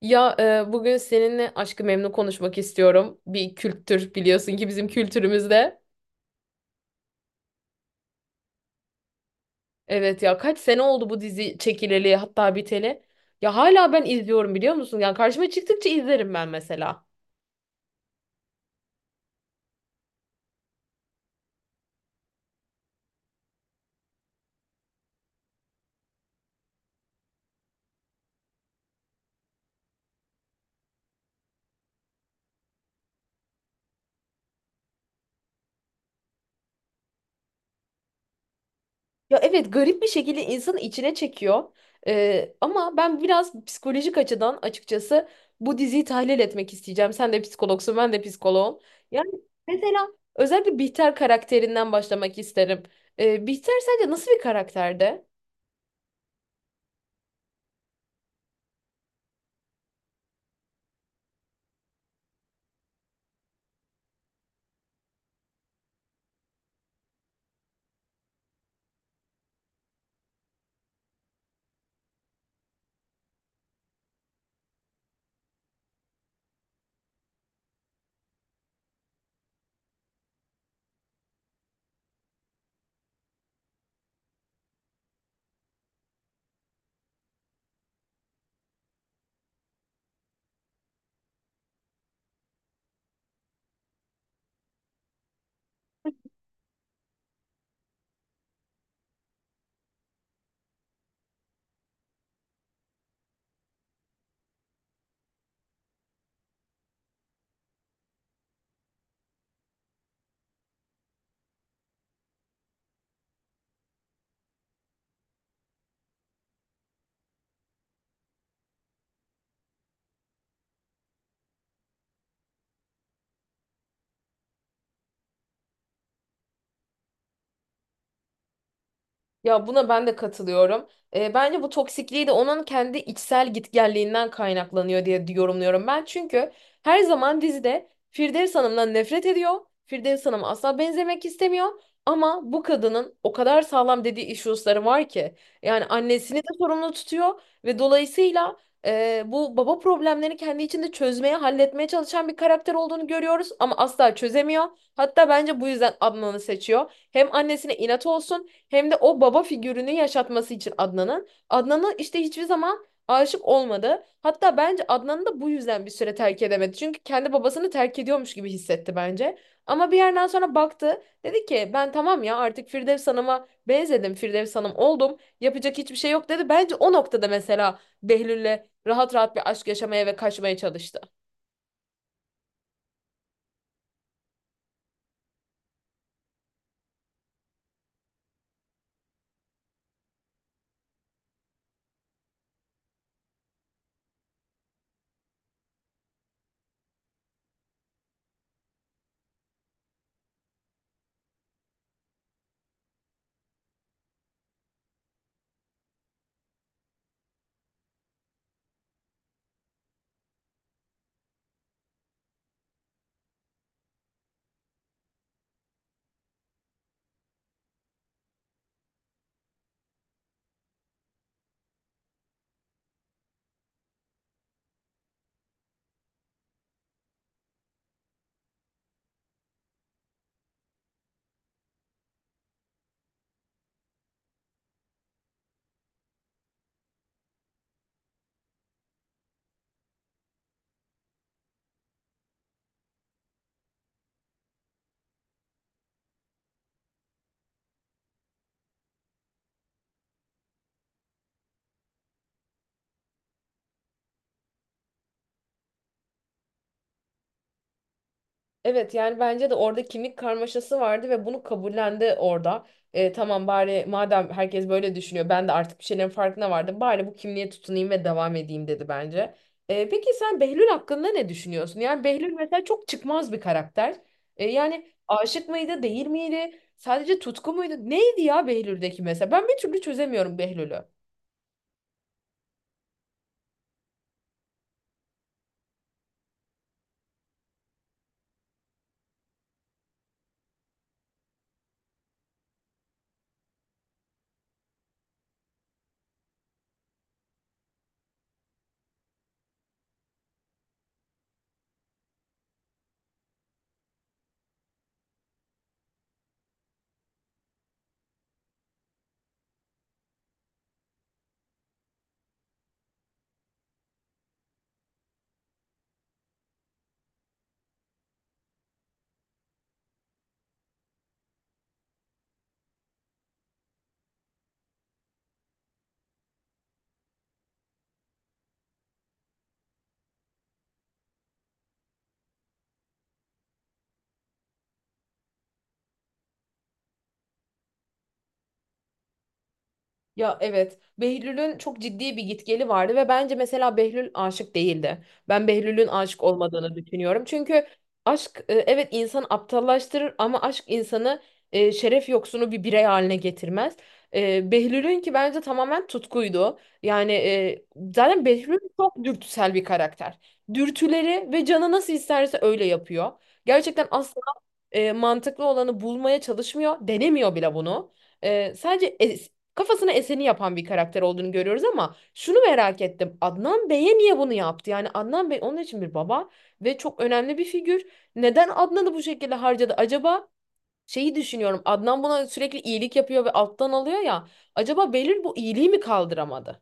Ya bugün seninle Aşk-ı Memnu konuşmak istiyorum. Bir kültür biliyorsun ki bizim kültürümüzde. Evet ya kaç sene oldu bu dizi çekileli hatta biteli. Ya hala ben izliyorum biliyor musun? Yani karşıma çıktıkça izlerim ben mesela. Ya evet, garip bir şekilde insanı içine çekiyor. Ama ben biraz psikolojik açıdan açıkçası bu diziyi tahlil etmek isteyeceğim. Sen de psikologsun, ben de psikoloğum. Yani mesela özellikle Bihter karakterinden başlamak isterim. Bihter sence nasıl bir karakterdi? Ya buna ben de katılıyorum. Bence bu toksikliği de onun kendi içsel gitgelliğinden kaynaklanıyor diye yorumluyorum ben. Çünkü her zaman dizide Firdevs Hanım'dan nefret ediyor. Firdevs Hanım'a asla benzemek istemiyor. Ama bu kadının o kadar sağlam dediği issues'ları var ki. Yani annesini de sorumlu tutuyor ve dolayısıyla bu baba problemlerini kendi içinde çözmeye, halletmeye çalışan bir karakter olduğunu görüyoruz ama asla çözemiyor. Hatta bence bu yüzden Adnan'ı seçiyor. Hem annesine inat olsun hem de o baba figürünü yaşatması için Adnan'ın. Adnan'ı işte hiçbir zaman aşık olmadı. Hatta bence Adnan'ı da bu yüzden bir süre terk edemedi. Çünkü kendi babasını terk ediyormuş gibi hissetti bence. Ama bir yerden sonra baktı. Dedi ki ben tamam ya artık Firdevs Hanım'a benzedim. Firdevs Hanım oldum. Yapacak hiçbir şey yok dedi. Bence o noktada mesela Behlül'le rahat rahat bir aşk yaşamaya ve kaçmaya çalıştı. Evet, yani bence de orada kimlik karmaşası vardı ve bunu kabullendi orada. Tamam bari madem herkes böyle düşünüyor, ben de artık bir şeylerin farkına vardım. Bari bu kimliğe tutunayım ve devam edeyim dedi bence. Peki sen Behlül hakkında ne düşünüyorsun? Yani Behlül mesela çok çıkmaz bir karakter. Yani aşık mıydı, değil miydi? Sadece tutku muydu? Neydi ya Behlül'deki mesela? Ben bir türlü çözemiyorum Behlül'ü. Ya evet. Behlül'ün çok ciddi bir gitgeli vardı ve bence mesela Behlül aşık değildi. Ben Behlül'ün aşık olmadığını düşünüyorum. Çünkü aşk, evet, insan aptallaştırır ama aşk insanı şeref yoksunu bir birey haline getirmez. Behlül'ün ki bence tamamen tutkuydu. Yani, zaten Behlül çok dürtüsel bir karakter. Dürtüleri ve canı nasıl isterse öyle yapıyor. Gerçekten asla mantıklı olanı bulmaya çalışmıyor. Denemiyor bile bunu. Sadece kafasına eseni yapan bir karakter olduğunu görüyoruz ama şunu merak ettim. Adnan Bey'e niye bunu yaptı? Yani Adnan Bey onun için bir baba ve çok önemli bir figür. Neden Adnan'ı bu şekilde harcadı acaba? Şeyi düşünüyorum. Adnan buna sürekli iyilik yapıyor ve alttan alıyor ya. Acaba Behlül bu iyiliği mi kaldıramadı?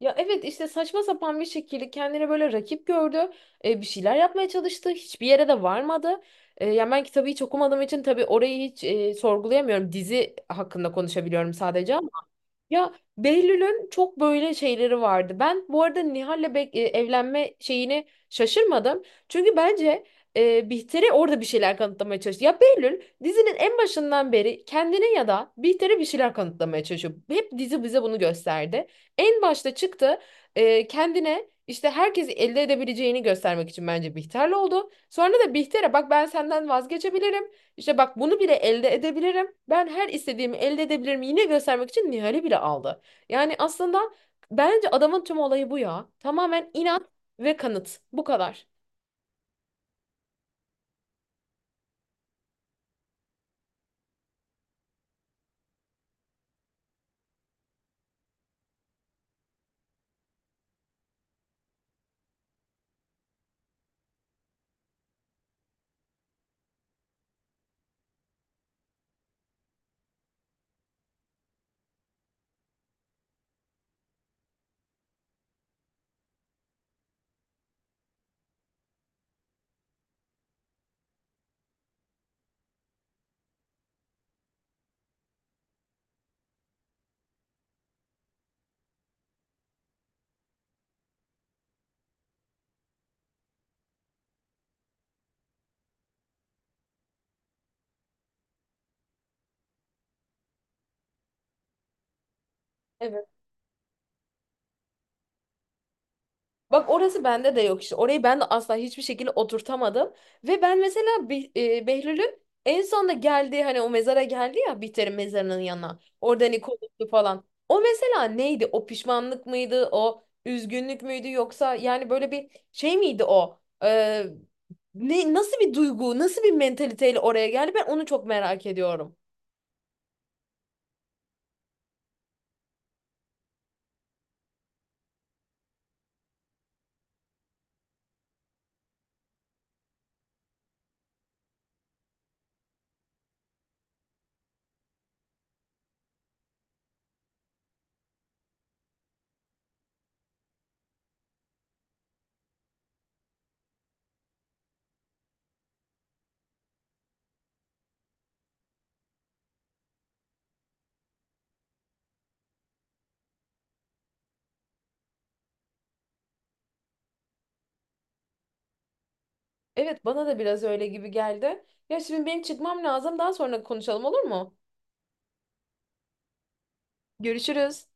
Ya evet, işte saçma sapan bir şekilde kendini böyle rakip gördü. Bir şeyler yapmaya çalıştı. Hiçbir yere de varmadı. Yani ben kitabı hiç okumadığım için tabii orayı hiç sorgulayamıyorum. Dizi hakkında konuşabiliyorum sadece. Ya Behlül'ün çok böyle şeyleri vardı. Ben bu arada Nihal'le evlenme şeyini şaşırmadım. Çünkü bence Bihter'e orada bir şeyler kanıtlamaya çalıştı. Ya Behlül dizinin en başından beri kendine ya da Bihter'e bir şeyler kanıtlamaya çalışıyor. Hep dizi bize bunu gösterdi. En başta çıktı, kendine işte herkesi elde edebileceğini göstermek için bence Bihter'le oldu. Sonra da Bihter'e bak, ben senden vazgeçebilirim. İşte bak, bunu bile elde edebilirim. Ben her istediğimi elde edebilirim. Yine göstermek için Nihal'i bile aldı. Yani aslında bence adamın tüm olayı bu ya. Tamamen inat ve kanıt. Bu kadar. Evet. Bak, orası bende de yok işte. Orayı ben de asla hiçbir şekilde oturtamadım. Ve ben mesela Behlül'ün en sonunda geldiği hani o mezara geldi ya, Bihter'in mezarının yanına. Orada hani konuştu falan. O mesela neydi? O pişmanlık mıydı? O üzgünlük müydü? Yoksa yani böyle bir şey miydi o? Ne, nasıl bir duygu, nasıl bir mentaliteyle oraya geldi? Ben onu çok merak ediyorum. Evet, bana da biraz öyle gibi geldi. Ya şimdi benim çıkmam lazım. Daha sonra konuşalım, olur mu? Görüşürüz.